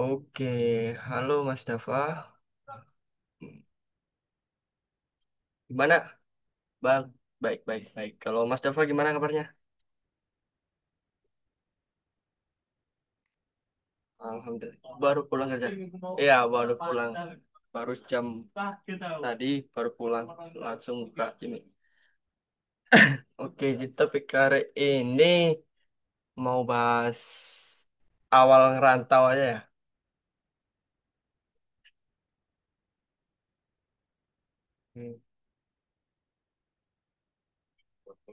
Oke, halo Mas Dafa. Gimana? Bang, baik, baik, baik. Kalau Mas Dafa gimana kabarnya? Alhamdulillah. Baru pulang kerja. Iya, baru pulang. Baru jam tadi baru pulang. Langsung buka ini. Oke, kita pikir ini mau bahas awal ngerantau aja ya. Hmm.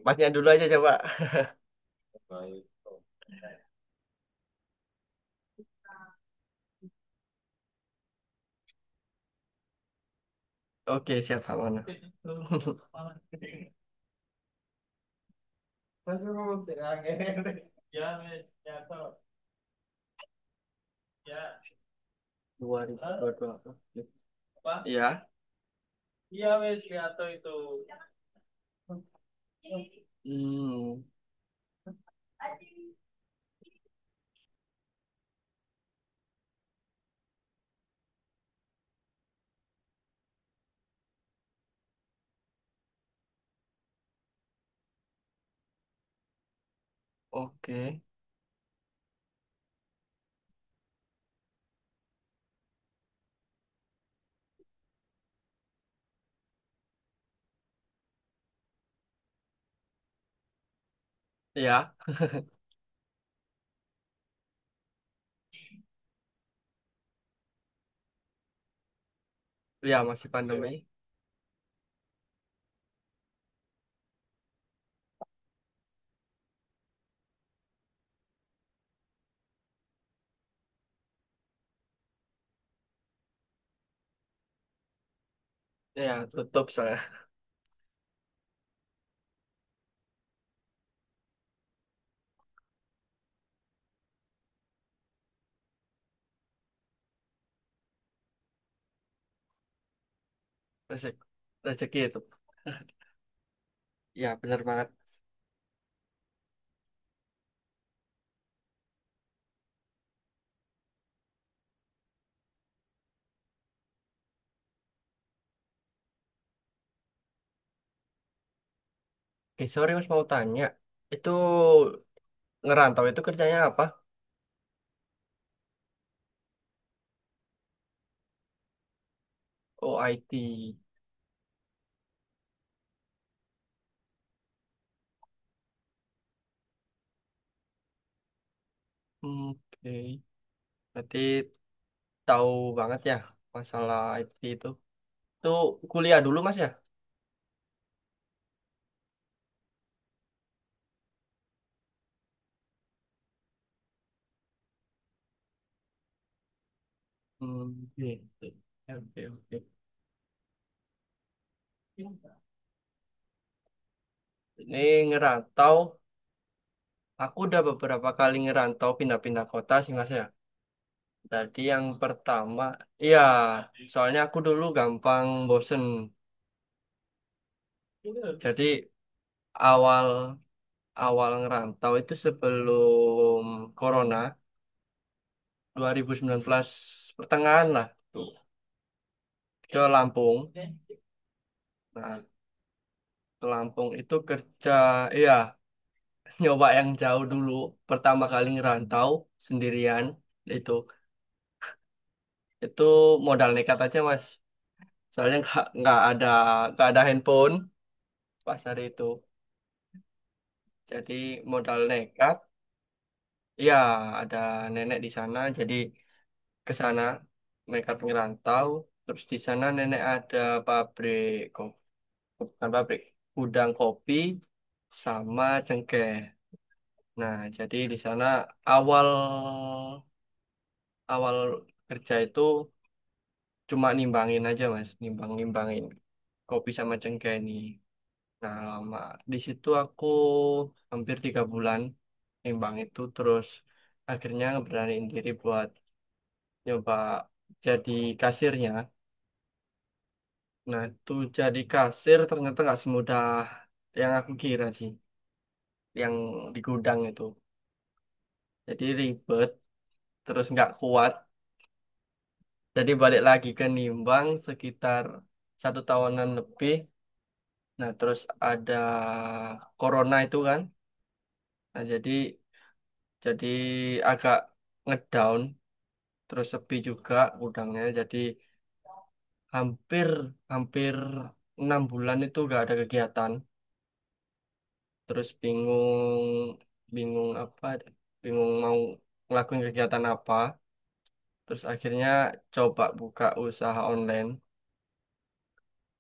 Masnya dulu aja coba. Oke, siap mana? 2022. Iya. Hmm, oke. Iya, iya masih pandemi. Ya, tutup soalnya. Rezeki, rezeki itu, ya benar banget. Oke, sorry Mas, mau tanya, itu ngerantau itu kerjanya apa? Oh, IT. Hmm, oke, berarti tahu banget ya masalah IT Itu kuliah dulu Mas ya? Hmm, oke, oke, oke, oke. Ini ngerantau, aku udah beberapa kali ngerantau, pindah-pindah kota sih Mas ya. Tadi yang pertama, iya, soalnya aku dulu gampang bosen. Jadi awal awal ngerantau itu sebelum Corona, 2019 pertengahan lah, tuh ke Lampung. Nah, ke Lampung itu kerja. Iya, nyoba yang jauh dulu pertama kali ngerantau sendirian. Itu itu modal nekat aja Mas. Soalnya nggak ada handphone pas hari itu. Jadi modal nekat. Iya, ada nenek di sana jadi ke sana. Mereka ngerantau, terus di sana nenek ada pabrik, ko- bukan pabrik, gudang kopi sama cengkeh. Nah, jadi di sana awal awal kerja itu cuma nimbangin aja Mas, nimbang nimbangin kopi sama cengkeh ini. Nah, lama di situ aku hampir 3 bulan nimbang itu, terus akhirnya ngeberaniin diri buat nyoba jadi kasirnya. Nah, itu jadi kasir ternyata nggak semudah yang aku kira sih, yang di gudang itu. Jadi ribet, terus nggak kuat. Jadi balik lagi ke Nimbang sekitar satu tahunan lebih. Nah, terus ada Corona itu kan. Nah, jadi agak ngedown, terus sepi juga gudangnya. Jadi hampir hampir 6 bulan itu nggak ada kegiatan. Terus bingung, bingung apa, bingung mau ngelakuin kegiatan apa. Terus akhirnya coba buka usaha online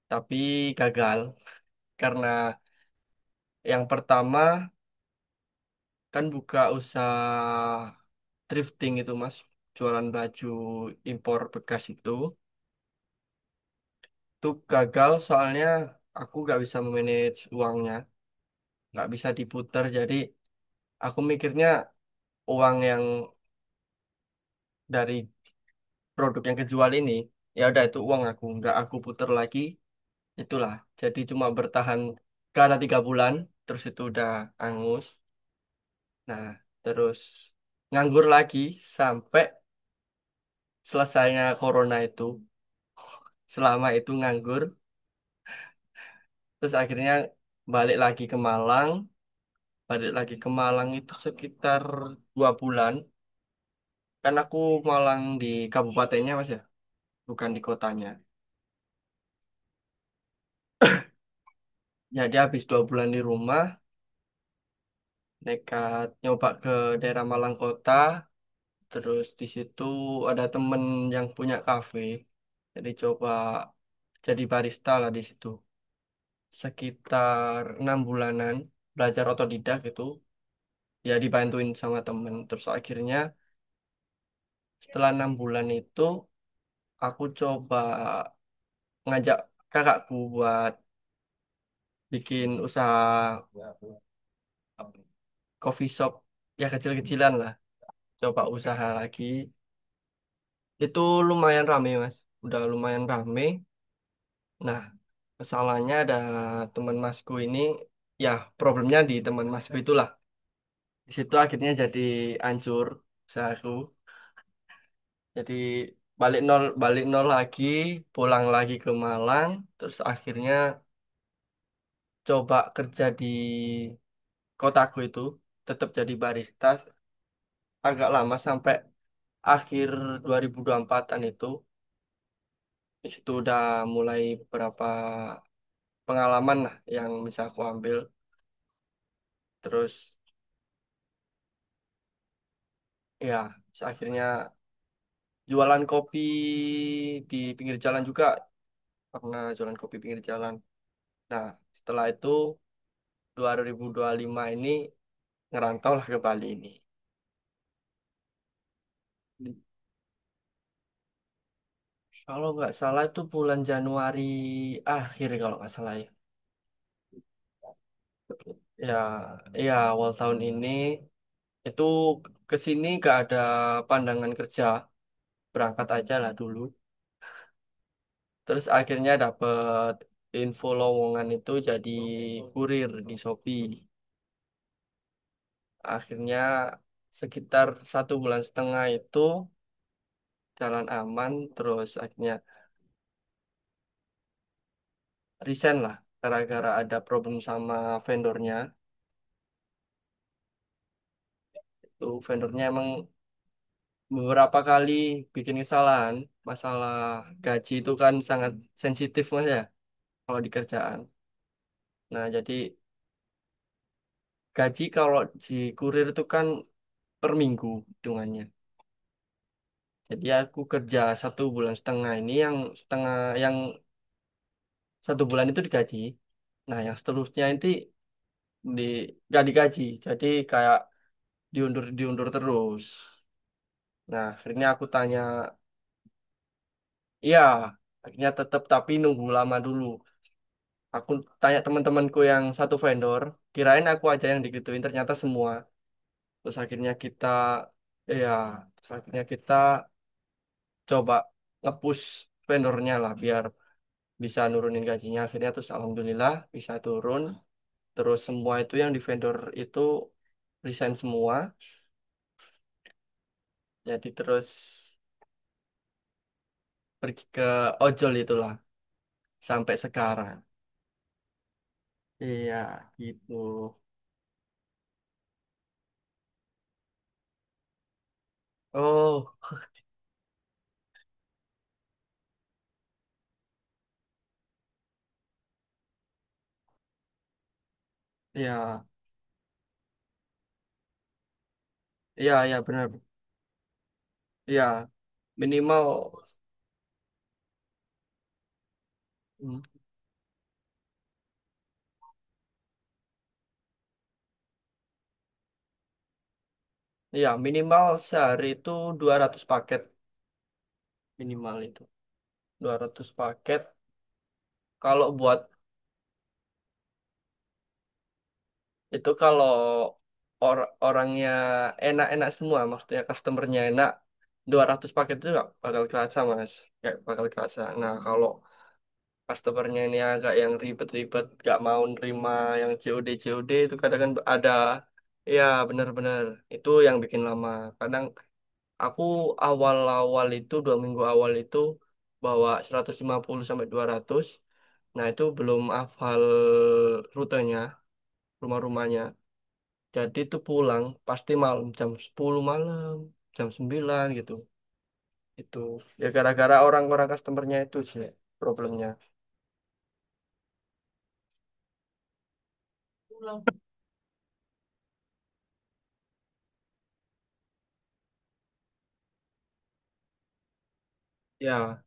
tapi gagal, karena yang pertama kan buka usaha thrifting itu Mas, jualan baju impor bekas itu. Tuh gagal soalnya aku nggak bisa manage uangnya, nggak bisa diputar. Jadi aku mikirnya uang yang dari produk yang kejual ini, ya udah itu uang aku nggak aku puter lagi. Itulah, jadi cuma bertahan karena 3 bulan terus itu udah angus. Nah, terus nganggur lagi sampai selesainya corona itu. Selama itu nganggur, terus akhirnya balik lagi ke Malang. Balik lagi ke Malang itu sekitar 2 bulan. Kan aku Malang di kabupatennya Mas ya, bukan di kotanya. Jadi habis 2 bulan di rumah, nekat nyoba ke daerah Malang Kota. Terus di situ ada temen yang punya kafe, jadi coba jadi barista lah di situ sekitar 6 bulanan, belajar otodidak gitu. Ya, dibantuin sama temen. Terus akhirnya setelah 6 bulan itu, aku coba ngajak kakakku buat bikin usaha coffee shop, ya kecil-kecilan lah, coba usaha lagi. Itu lumayan rame Mas, udah lumayan rame. Nah, masalahnya ada teman masku ini, ya problemnya di teman masku itulah. Di situ akhirnya jadi hancur usahaku. Jadi balik nol lagi, pulang lagi ke Malang. Terus akhirnya coba kerja di kotaku itu, tetap jadi barista agak lama sampai akhir 2024-an itu. Di situ udah mulai beberapa pengalaman lah yang bisa aku ambil. Terus ya, akhirnya jualan kopi di pinggir jalan juga, pernah jualan kopi pinggir jalan. Nah, setelah itu 2025 ini ngerantau lah ke Bali ini. Kalau nggak salah itu bulan Januari akhir, kalau nggak salah ya. Ya, ya awal tahun ini. Itu ke sini nggak ada pandangan kerja, berangkat aja lah dulu. Terus akhirnya dapet info lowongan, itu jadi kurir di Shopee. Akhirnya sekitar 1,5 bulan itu jalan aman, terus akhirnya resign lah gara-gara ada problem sama vendornya. Itu vendornya emang beberapa kali bikin kesalahan. Masalah gaji itu kan sangat sensitif Mas ya kalau di kerjaan. Nah, jadi gaji kalau di kurir itu kan per minggu hitungannya. Jadi aku kerja 1,5 bulan ini, yang setengah, yang 1 bulan itu digaji. Nah, yang seterusnya nanti di nggak digaji. Jadi kayak diundur, diundur terus. Nah, akhirnya aku tanya, iya, akhirnya tetap, tapi nunggu lama dulu. Aku tanya teman-temanku yang satu vendor, kirain aku aja yang digituin ternyata semua. Terus akhirnya kita Ya, terus akhirnya kita coba ngepush vendornya lah biar bisa nurunin gajinya. Akhirnya terus alhamdulillah bisa turun. Terus semua itu yang di vendor itu resign semua. Jadi terus pergi ke ojol itulah sampai sekarang. Iya, gitu. Oh, iya, iya, iya benar. Iya, minimal, hmm, iya, minimal sehari itu 200 paket, minimal itu. 200 paket. Kalau buat itu, kalau orangnya enak-enak semua, maksudnya customernya enak, 200 paket itu nggak bakal kerasa Mas, nggak bakal kerasa. Nah kalau customernya ini agak yang ribet-ribet, gak mau nerima yang COD COD itu kadang kan ada. Ya, benar-benar itu yang bikin lama kadang. Aku awal-awal itu 2 minggu awal itu bawa 150 sampai 200. Nah itu belum hafal rutenya, rumah-rumahnya. Jadi itu pulang pasti malam jam 10 malam, jam 9 gitu. Itu ya gara-gara orang-orang customernya itu sih problemnya. Ya,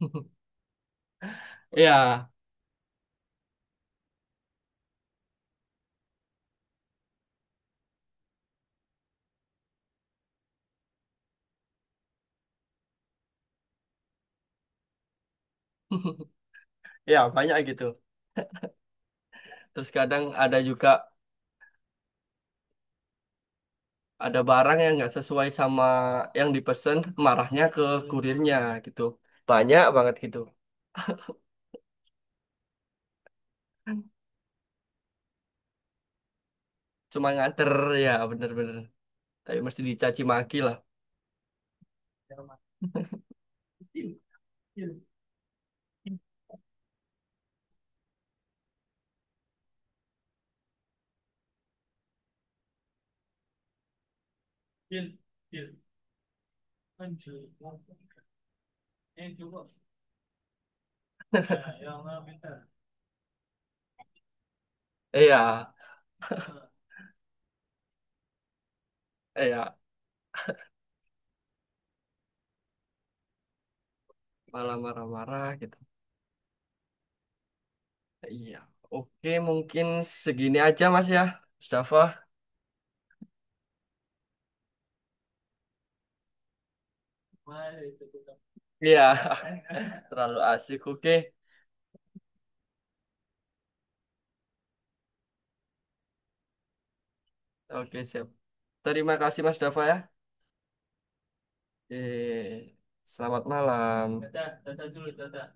ya ya banyak gitu. Terus kadang ada juga, ada barang yang nggak sesuai sama yang dipesan, marahnya ke kurirnya gitu, banyak banget gitu. Cuma nganter, ya bener-bener tapi mesti dicaci maki lah. Iya, iya, malah marah-marah gitu. Iya, oke mungkin segini aja Mas ya, Mustafa. Iya, terlalu asik. Oke, oke, siap, terima kasih Mas Dafa ya. eh Selamat malam. Dadah, dadah dulu, dadah.